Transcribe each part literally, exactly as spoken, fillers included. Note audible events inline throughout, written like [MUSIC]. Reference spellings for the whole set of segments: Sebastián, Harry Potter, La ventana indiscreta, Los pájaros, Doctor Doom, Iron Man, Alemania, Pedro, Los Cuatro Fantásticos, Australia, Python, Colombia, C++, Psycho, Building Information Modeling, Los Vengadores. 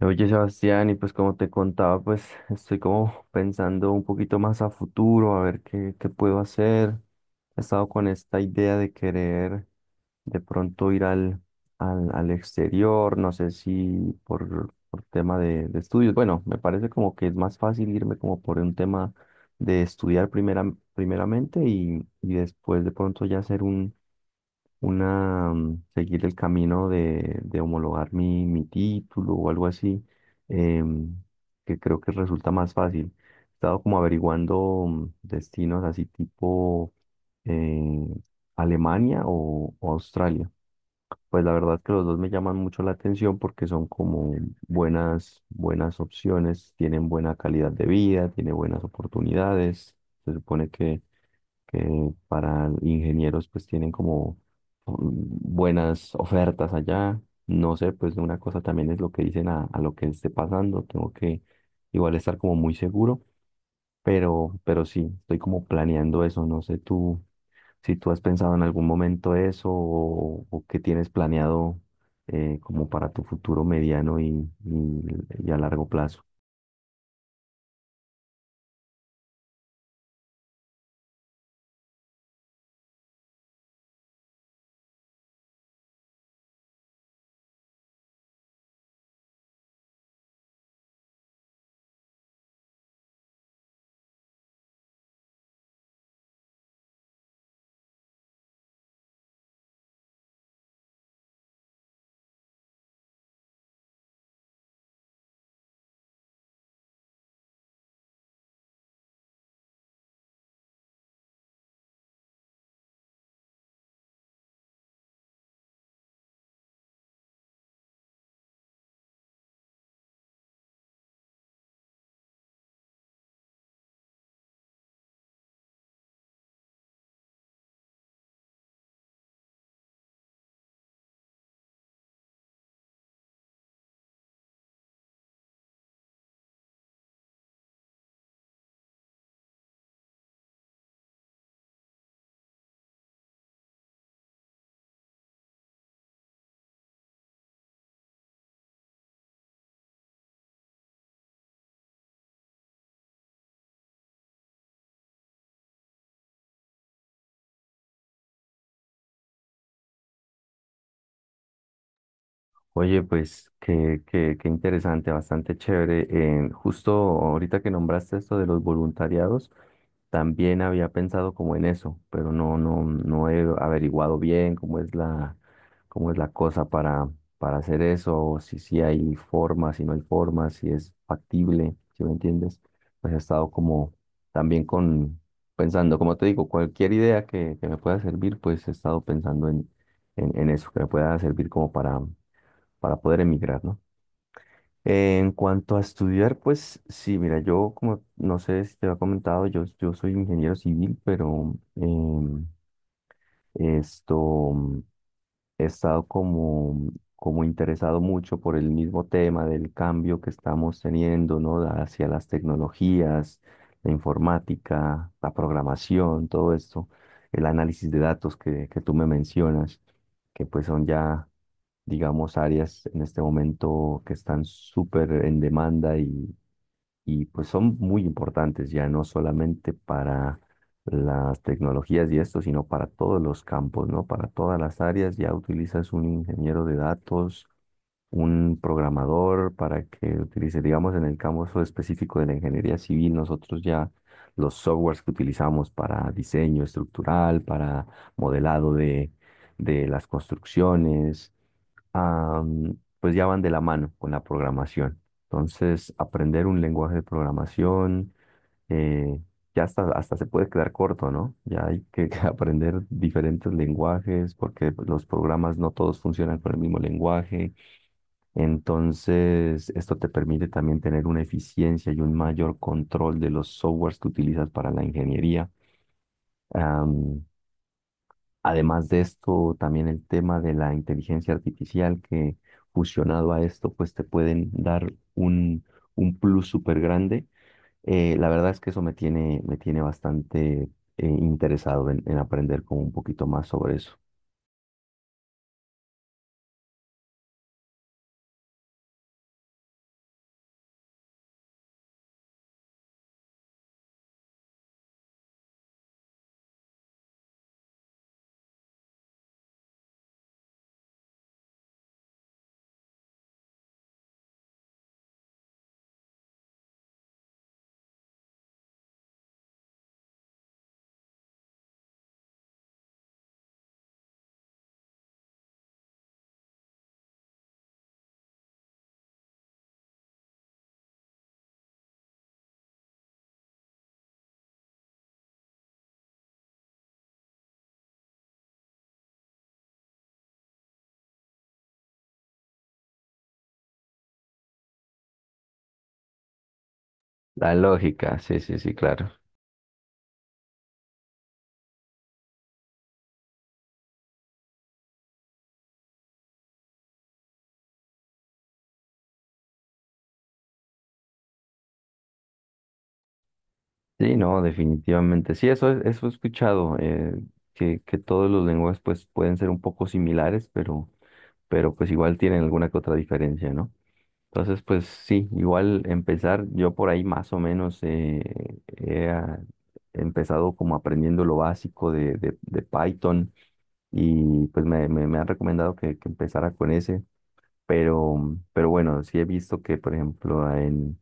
Oye, Sebastián, y pues como te contaba, pues estoy como pensando un poquito más a futuro, a ver qué, qué puedo hacer. He estado con esta idea de querer de pronto ir al, al, al exterior, no sé si por, por tema de, de estudios. Bueno, me parece como que es más fácil irme como por un tema de estudiar primera, primeramente y, y después de pronto ya hacer un una, mm, seguir el camino de, de homologar mi, mi título o algo así, em, que creo que resulta más fácil. He estado como averiguando mm, destinos así tipo eh, Alemania o, o Australia. Pues la verdad que los dos me llaman mucho la atención porque son como buenas, buenas opciones, tienen buena calidad de vida, tienen buenas oportunidades. Se supone que, que para ingenieros pues tienen como mm, buenas ofertas allá. No sé, pues una cosa también es lo que dicen a, a lo que esté pasando. Tengo que igual estar como muy seguro, pero, pero sí, estoy como planeando eso. No sé tú si tú has pensado en algún momento eso o, o qué tienes planeado eh, como para tu futuro mediano y, y- y a largo plazo. Oye, pues qué, qué, qué interesante, bastante chévere. Eh, justo ahorita que nombraste esto de los voluntariados. También había pensado como en eso, pero no, no, no he averiguado bien cómo es la, cómo es la cosa para, para hacer eso, o si sí hay forma, si no hay forma, si es factible, ¿si me entiendes? Pues he estado como también con pensando, como te digo, cualquier idea que, que me pueda servir, pues he estado pensando en, en, en eso, que me pueda servir como para, para poder emigrar, ¿no? Eh, en cuanto a estudiar, pues sí, mira, yo como no sé si te había comentado, yo, yo soy ingeniero civil, pero em, esto he estado como, como interesado mucho por el mismo tema del cambio que estamos teniendo, ¿no? Hacia las tecnologías, la informática, la programación, todo esto, el análisis de datos que, que tú me mencionas, que pues son ya, digamos, áreas en este momento que están súper en demanda y y pues son muy importantes ya no solamente para las tecnologías y esto, sino para todos los campos, ¿no? Para todas las áreas ya utilizas un ingeniero de datos, un programador para que utilice, digamos, en el campo específico de la ingeniería civil, nosotros ya los softwares que utilizamos para diseño estructural, para modelado de, de las construcciones, am, pues ya van de la mano con la programación. Entonces, aprender un lenguaje de programación, eh, ya hasta, hasta se puede quedar corto, ¿no? Ya hay que [LAUGHS] aprender diferentes lenguajes porque pues, los programas no todos funcionan con el mismo lenguaje. Entonces, esto te permite también tener una eficiencia y un mayor control de los softwares que utilizas para la ingeniería. Además de esto, también el tema de la inteligencia artificial que fusionado a esto, pues te pueden dar un, un plus súper grande. Eh, la verdad es que eso me tiene, me tiene bastante eh, interesado en, en aprender como un poquito más sobre eso. La lógica, sí, sí, sí, claro. Sí, no, definitivamente. Sí, eso, es- eso he escuchado, eh, que, que todos los lenguajes pues pueden ser un poco similares, pero, pero pues igual tienen alguna que otra diferencia, ¿no? Entonces, pues sí, igual empezar, yo por ahí más o menos eh, he ah, empezado como aprendiendo lo básico de, de- de Python y pues me, me, me han recomendado que, que empezara con ese, pero, pero bueno, sí he visto que, por ejemplo, en,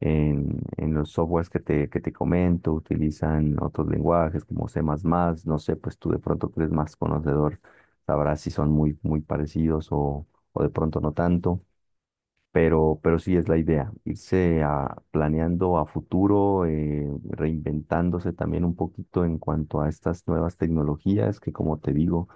en, en los softwares que te, que te comento utilizan otros lenguajes como C++, no sé, pues tú de pronto que eres más conocedor, sabrás si son muy, muy parecidos o, o de pronto no tanto. Pero, pero sí es la idea, irse a- planeando a futuro, eh, reinventándose también un poquito en cuanto a estas nuevas tecnologías que, como te digo,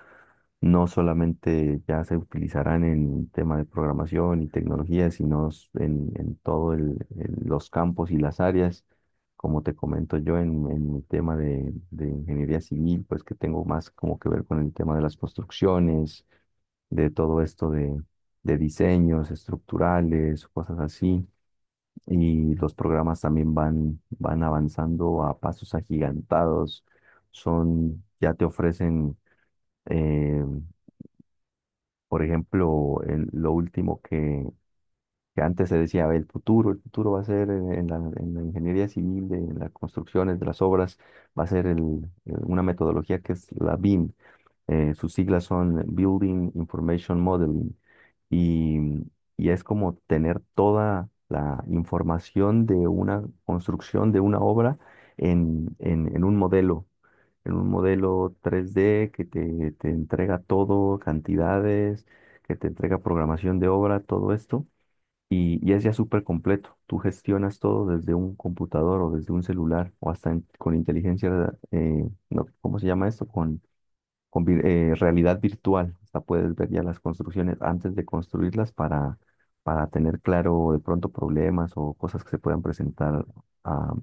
no solamente ya se utilizarán en tema de programación y tecnología, sino s- en, en todo el- el- los campos y las áreas. Como te comento yo en, en mi tema de, de ingeniería civil, pues que tengo más como que ver con el tema de las construcciones de todo esto de diseños estructurales, cosas así. Y los programas también van, van avanzando a pasos agigantados. Son, ya te ofrecen, eh, por ejemplo, el- lo último que, que antes se decía: "A ver, el futuro, el futuro va a ser en, en la, en la ingeniería civil, de las construcciones, de las obras, va a ser el- el- una metodología que es la B I M. Eh, sus siglas son Building Information Modeling, y, y es como tener toda la información de una construcción, de una obra en, en- en un modelo, en un modelo tres d que te, te entrega todo, cantidades, que te entrega programación de obra, todo esto". Y, y es ya súper completo. Tú gestionas todo desde un computador o desde un celular o hasta en- con inteligencia, eh, no, ¿cómo se llama esto? Con con vir- eh, realidad virtual. Hasta puedes ver ya las construcciones antes de construirlas para, para tener claro de pronto problemas o cosas que se puedan presentar. ah,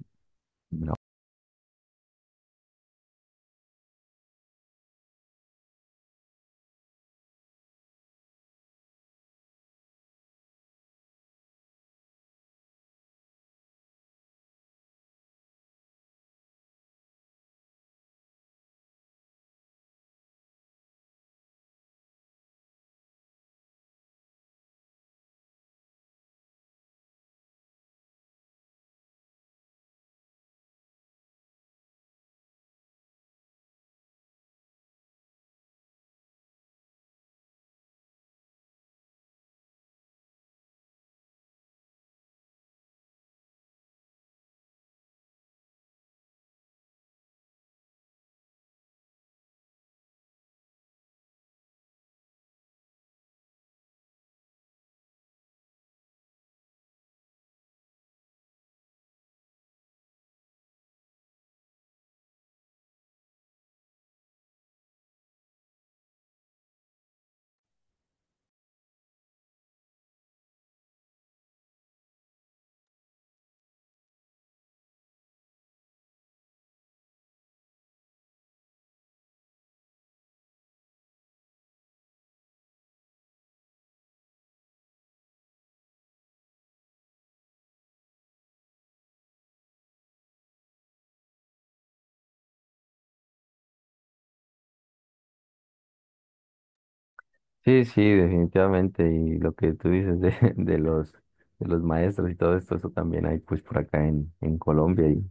Sí, sí, definitivamente. Y lo que tú dices de, [LAUGHS] de los, de los maestros y todo esto, eso también hay pues por acá en, en Colombia. Y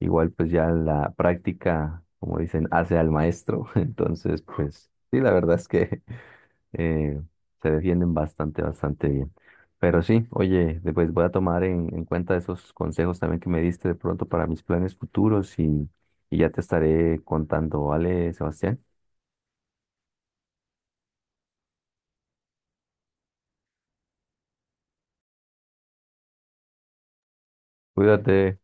igual pues ya la práctica, como dicen, hace al maestro. [LAUGHS] Entonces, pues sí, la verdad es que [LAUGHS] eh, se defienden bastante, bastante bien. Pero sí, oye, después voy a tomar en, en cuenta esos consejos también que me diste de pronto para mis planes futuros y, y ya te estaré contando, ¿vale, Sebastián? Cuídate.